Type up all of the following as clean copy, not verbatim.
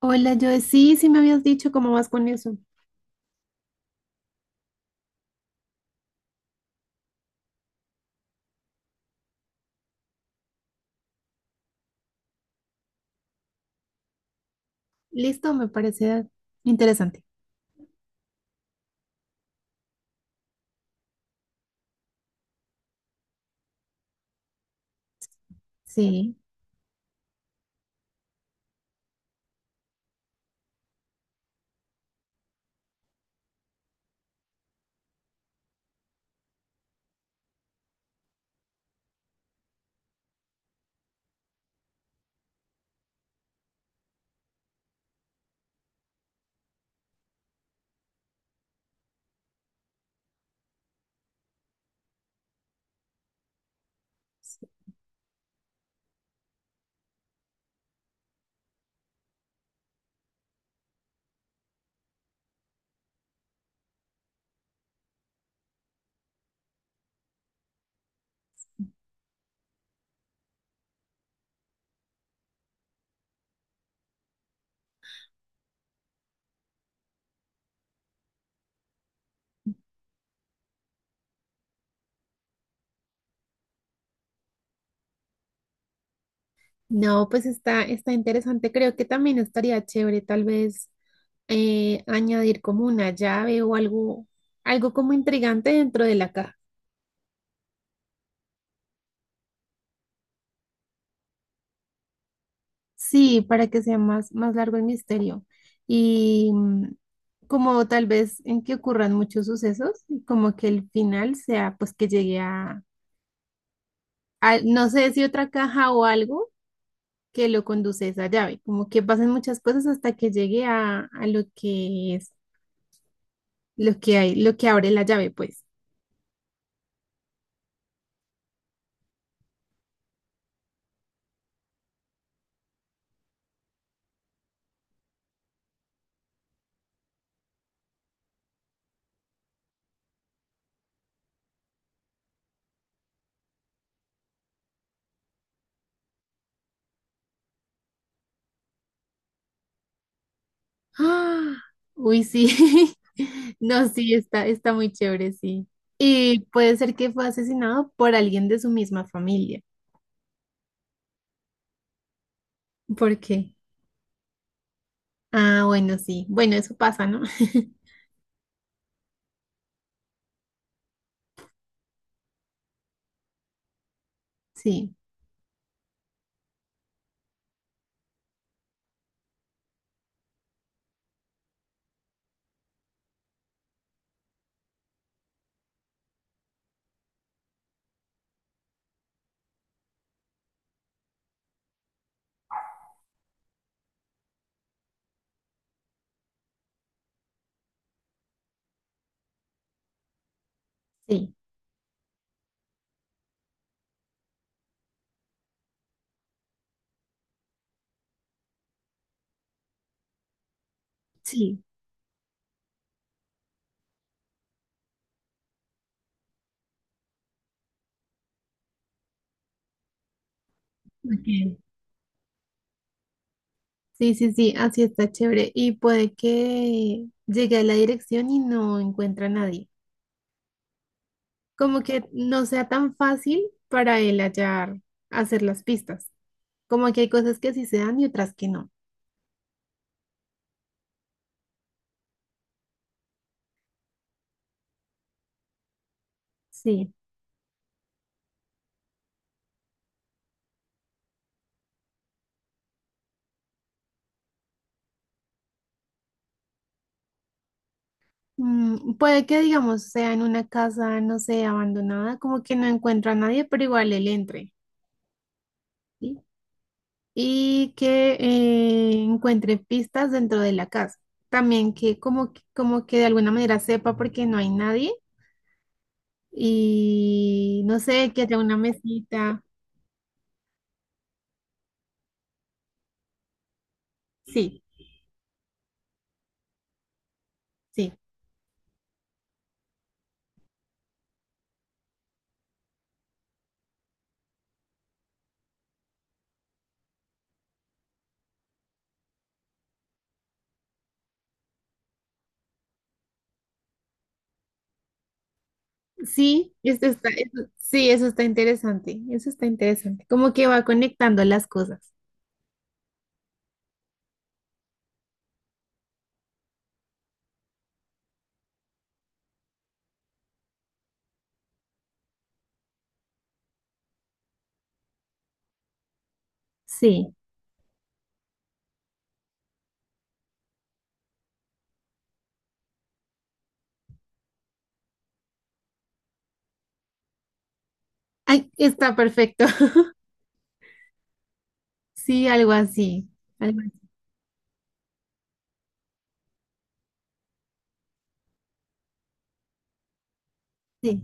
Hola, Joe. Sí, me habías dicho cómo vas con eso. Listo, me parece interesante. Sí. No, pues está interesante. Creo que también estaría chévere tal vez añadir como una llave o algo, algo como intrigante dentro de la caja. Sí, para que sea más largo el misterio. Y como tal vez en que ocurran muchos sucesos, y como que el final sea pues que llegue no sé si otra caja o algo que lo conduce esa llave. Como que pasan muchas cosas hasta que llegue a lo que es, lo que hay, lo que abre la llave, pues. ¡Ah! Uy, sí. No, sí, está muy chévere, sí. Y puede ser que fue asesinado por alguien de su misma familia. ¿Por qué? Ah, bueno, sí. Bueno, eso pasa, ¿no? Sí, sí, sí. Ok. Sí, sí, sí, así está chévere. Y puede que llegue a la dirección y no encuentra a nadie. Como que no sea tan fácil para él hallar, hacer las pistas. Como que hay cosas que sí se dan y otras que no. Sí. Puede que, digamos, sea en una casa, no sé, abandonada, como que no encuentra a nadie, pero igual él entre, ¿sí? Y que encuentre pistas dentro de la casa. También que como que de alguna manera sepa por qué no hay nadie y no sé, que haya una mesita. Sí, sí. Sí, sí, eso está interesante, eso está interesante. Como que va conectando las cosas. Sí. Ay, está perfecto. Sí, algo así, algo así. Sí.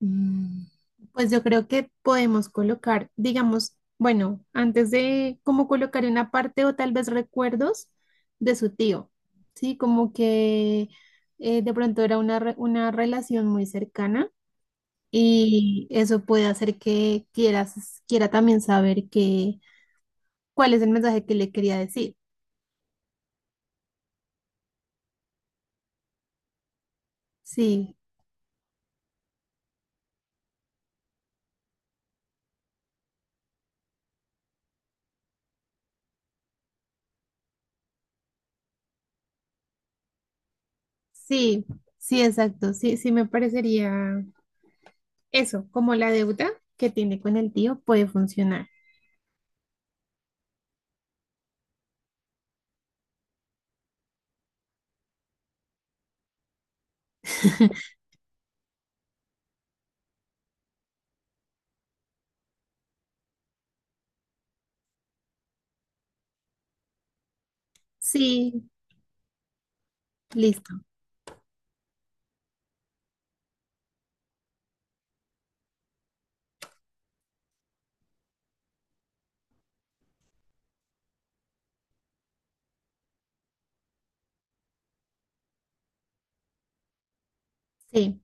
Mm, Pues yo creo que podemos colocar, digamos, bueno, antes de como colocar una parte o tal vez recuerdos de su tío, ¿sí? Como que de pronto era una relación muy cercana. Y eso puede hacer que quiera también saber que, cuál es el mensaje que le quería decir. Sí, sí, sí, exacto. Sí, sí me parecería eso, como la deuda que tiene con el tío puede funcionar. Sí, listo. Sí,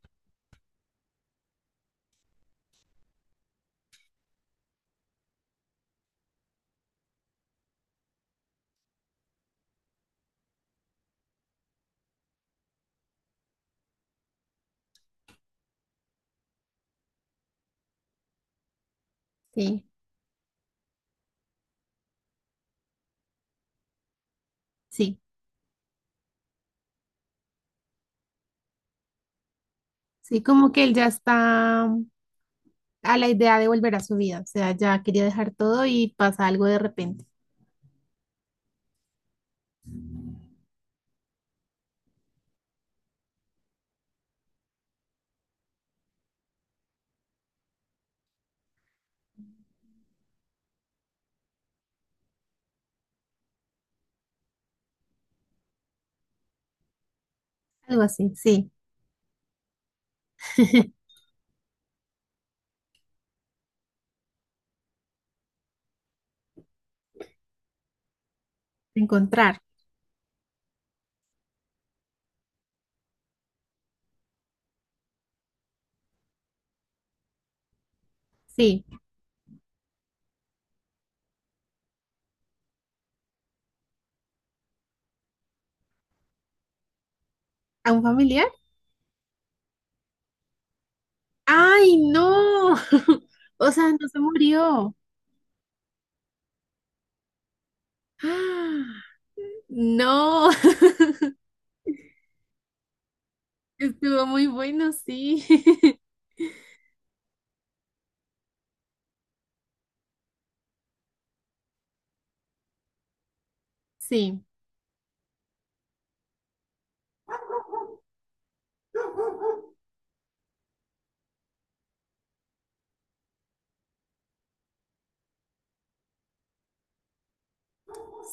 sí, sí. Sí, como que él ya está a la idea de volver a su vida. O sea, ya quería dejar todo y pasa algo de repente. Algo así, sí. Encontrar, sí. ¿A un familiar? ¡Ay, no! O sea, no se murió. ¡Ah! No, estuvo muy bueno, sí. Sí,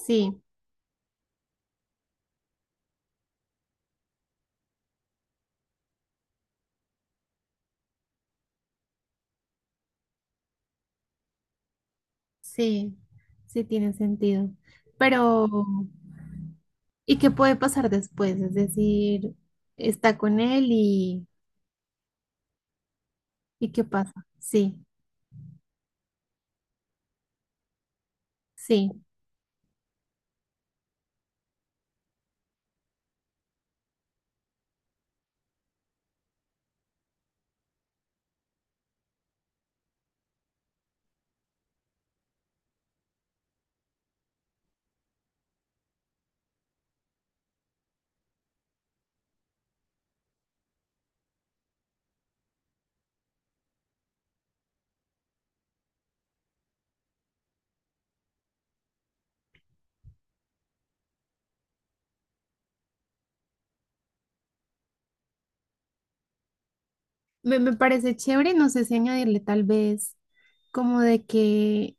sí, sí, sí tiene sentido. Pero, ¿y qué puede pasar después? Es decir, está con él ¿y qué pasa? Sí, sí. Me parece chévere, no sé si añadirle tal vez como de que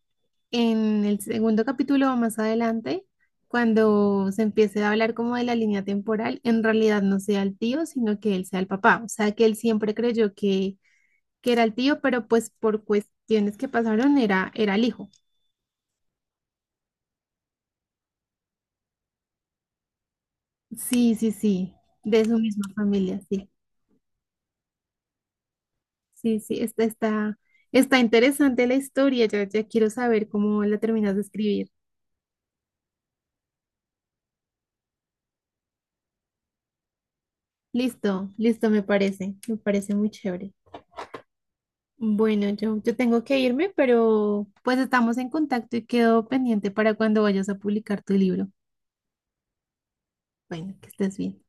en el segundo capítulo o más adelante, cuando se empiece a hablar como de la línea temporal, en realidad no sea el tío, sino que él sea el papá. O sea, que él siempre creyó que era el tío, pero pues por cuestiones que pasaron era el hijo. Sí, sí, sí, de su misma familia, sí. Sí, sí, está interesante la historia, ya, ya quiero saber cómo la terminas de escribir. Listo, listo, me parece muy chévere. Bueno, yo tengo que irme, pero pues estamos en contacto y quedo pendiente para cuando vayas a publicar tu libro. Bueno, que estés bien.